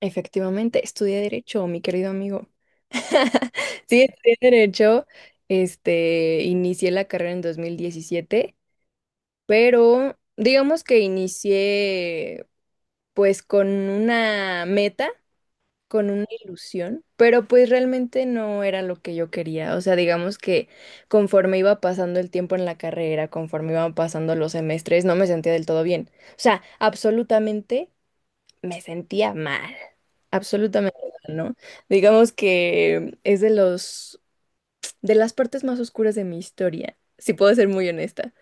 Efectivamente, estudié derecho, mi querido amigo. Sí, estudié derecho. Inicié la carrera en 2017, pero digamos que inicié pues con una meta, con una ilusión, pero pues realmente no era lo que yo quería. O sea, digamos que conforme iba pasando el tiempo en la carrera, conforme iban pasando los semestres, no me sentía del todo bien. O sea, absolutamente me sentía mal, absolutamente mal, ¿no? Digamos que es de las partes más oscuras de mi historia, si puedo ser muy honesta.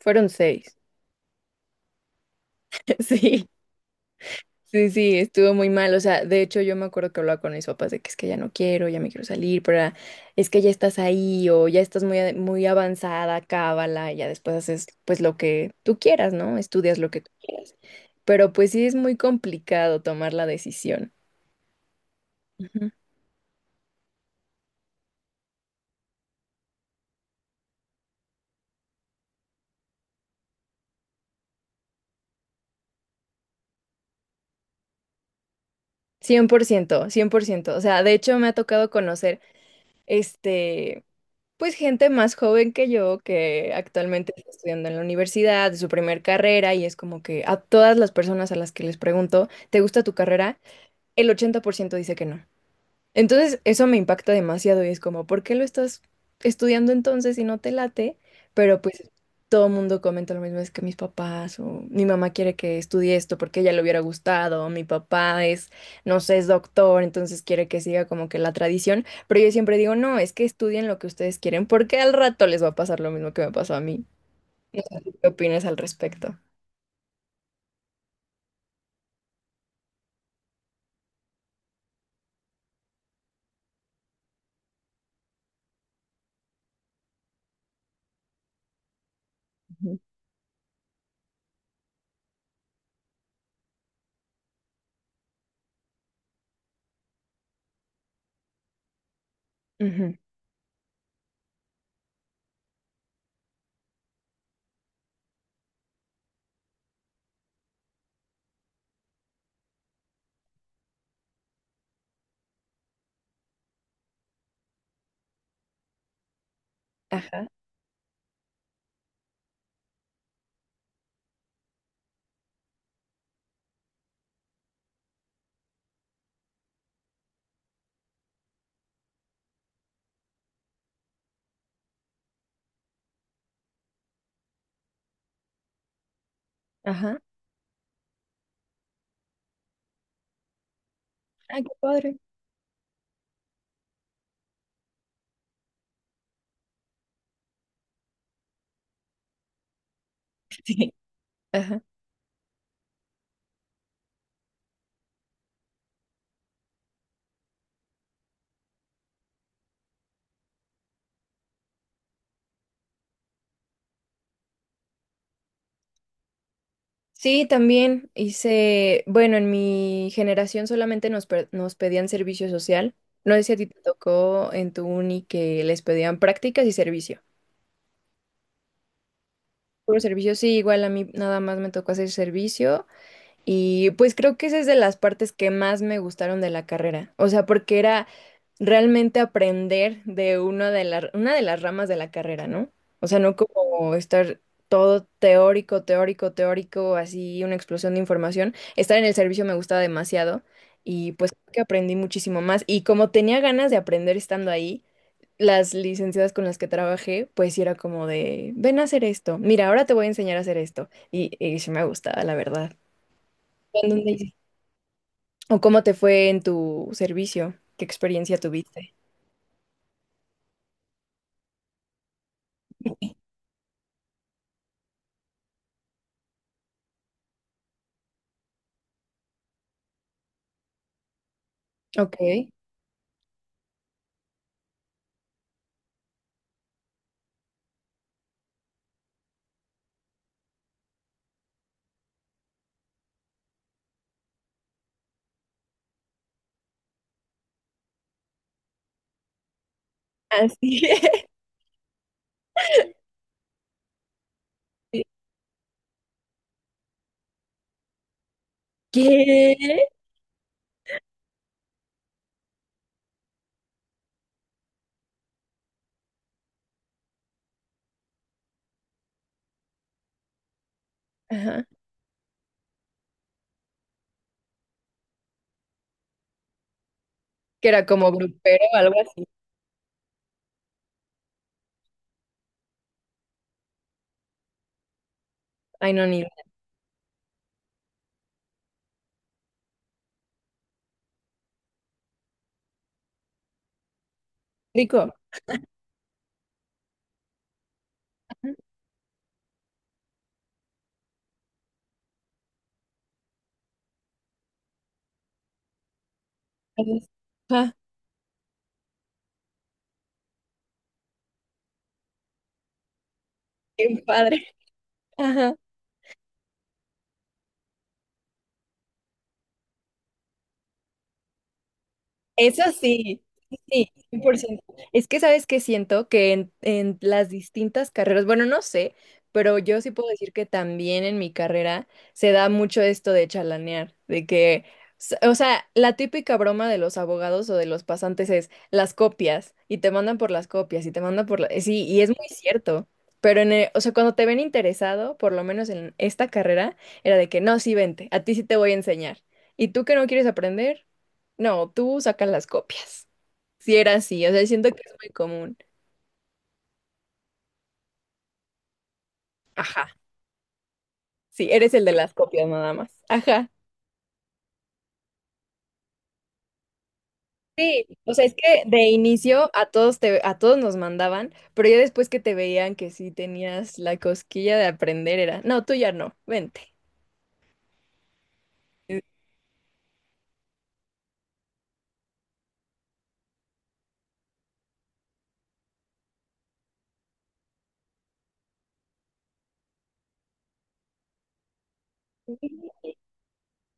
Fueron seis. Sí, sí, sí, estuvo muy mal. O sea, de hecho yo me acuerdo que hablaba con mis papás de que es que ya no quiero, ya me quiero salir, pero era, es que ya estás ahí o ya estás muy, muy avanzada, cábala, y ya después haces pues lo que tú quieras, ¿no? Estudias lo que tú quieras. Pero pues sí es muy complicado tomar la decisión. Cien por ciento, 100%. O sea, de hecho me ha tocado conocer, este, pues gente más joven que yo que actualmente está estudiando en la universidad, de su primer carrera, y es como que a todas las personas a las que les pregunto, ¿te gusta tu carrera? El 80% dice que no. Entonces, eso me impacta demasiado y es como, ¿por qué lo estás estudiando entonces si no te late? Pero pues todo el mundo comenta lo mismo, es que mis papás o mi mamá quiere que estudie esto porque a ella le hubiera gustado, o mi papá es, no sé, es doctor, entonces quiere que siga como que la tradición, pero yo siempre digo, no, es que estudien lo que ustedes quieren porque al rato les va a pasar lo mismo que me pasó a mí. No sé tú qué opinas al respecto. Ujú. Ujú. Ajá, ajá. Ay, qué padre. Sí. Ajá. Sí, también hice, bueno, en mi generación solamente nos pedían servicio social. No sé si a ti te tocó en tu uni que les pedían prácticas y servicio. Puro servicio, sí, igual a mí nada más me tocó hacer servicio y pues creo que esa es de las partes que más me gustaron de la carrera. O sea, porque era realmente aprender de una de las ramas de la carrera, ¿no? O sea, no como estar todo teórico, teórico, teórico, así una explosión de información. Estar en el servicio me gustaba demasiado y pues creo que aprendí muchísimo más. Y como tenía ganas de aprender estando ahí, las licenciadas con las que trabajé, pues sí era como de, ven a hacer esto, mira, ahora te voy a enseñar a hacer esto. Y sí me gustaba, la verdad. ¿Tú en dónde ¿O cómo te fue en tu servicio? ¿Qué experiencia tuviste? Ok. Así es. ¿Qué? Ajá. Que era como grupero o algo así. Ay, no, ni idea. Rico. Ajá. Ajá. Qué padre. Ajá. Eso sí, sí, 100%. Es que sabes que siento que en las distintas carreras, bueno, no sé, pero yo sí puedo decir que también en mi carrera se da mucho esto de chalanear, de que, o sea, la típica broma de los abogados o de los pasantes es las copias y te mandan por las copias y te mandan por la... Sí, y es muy cierto. Pero o sea, cuando te ven interesado, por lo menos en esta carrera, era de que no, sí, vente, a ti sí te voy a enseñar. ¿Y tú que no quieres aprender? No, tú sacas las copias. Si era así, o sea, siento que es muy común. Ajá, sí, eres el de las copias nada más. Ajá. Sí, o sea, es que de inicio a todos nos mandaban, pero ya después que te veían que sí tenías la cosquilla de aprender era, no, tú ya no, vente.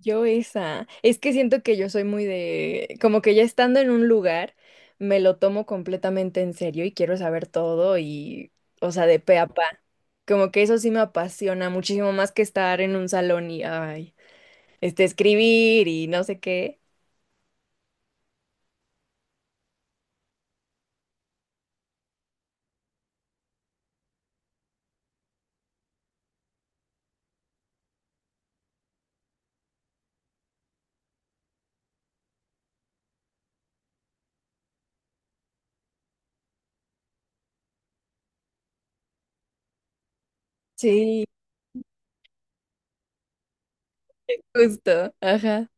Yo esa. Es que siento que yo soy muy de, como que ya estando en un lugar, me lo tomo completamente en serio y quiero saber todo y, o sea, de pe a pa. Como que eso sí me apasiona muchísimo más que estar en un salón y, ay, escribir y no sé qué. Sí, justo, ajá.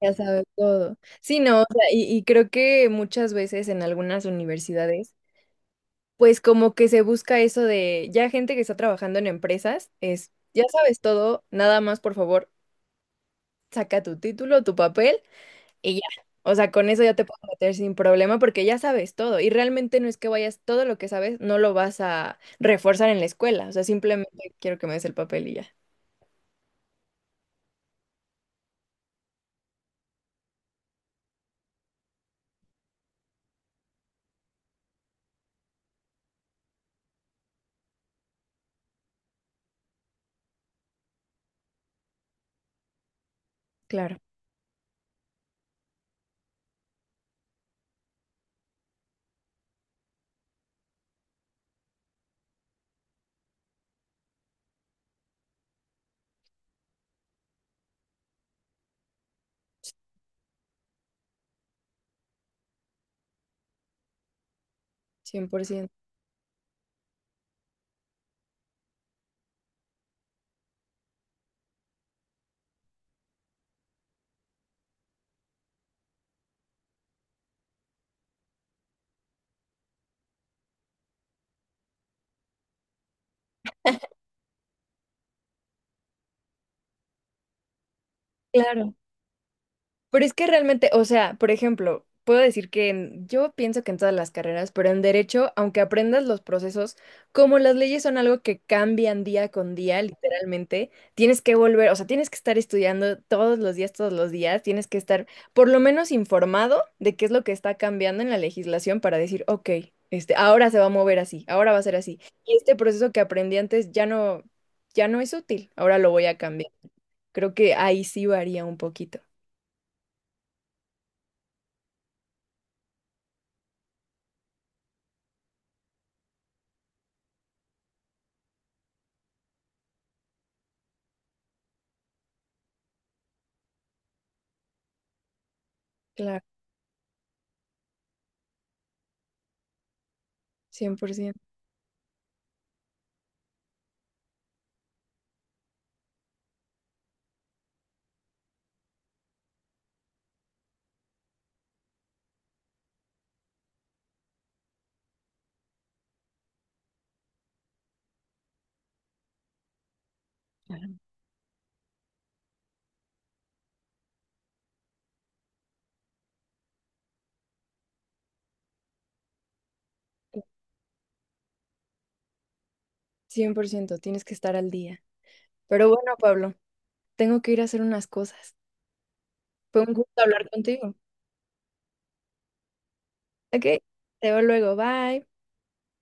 Ya sabes todo. Sí, no, o sea, y creo que muchas veces en algunas universidades. Pues como que se busca eso de ya gente que está trabajando en empresas, es, ya sabes todo, nada más por favor, saca tu título, tu papel y ya. O sea, con eso ya te puedes meter sin problema porque ya sabes todo y realmente no es que vayas, todo lo que sabes no lo vas a reforzar en la escuela, o sea, simplemente quiero que me des el papel y ya. Claro, 100%. Claro. Pero es que realmente, o sea, por ejemplo, puedo decir que yo pienso que en todas las carreras, pero en derecho, aunque aprendas los procesos, como las leyes son algo que cambian día con día, literalmente, tienes que volver, o sea, tienes que estar estudiando todos los días, tienes que estar por lo menos informado de qué es lo que está cambiando en la legislación para decir, ok, ahora se va a mover así, ahora va a ser así. Y este proceso que aprendí antes ya no es útil, ahora lo voy a cambiar. Creo que ahí sí varía un poquito. Claro. Cien por ciento, cien por ciento, tienes que estar al día. Pero bueno, Pablo, tengo que ir a hacer unas cosas. Fue un gusto hablar contigo. Ok, te veo luego, bye.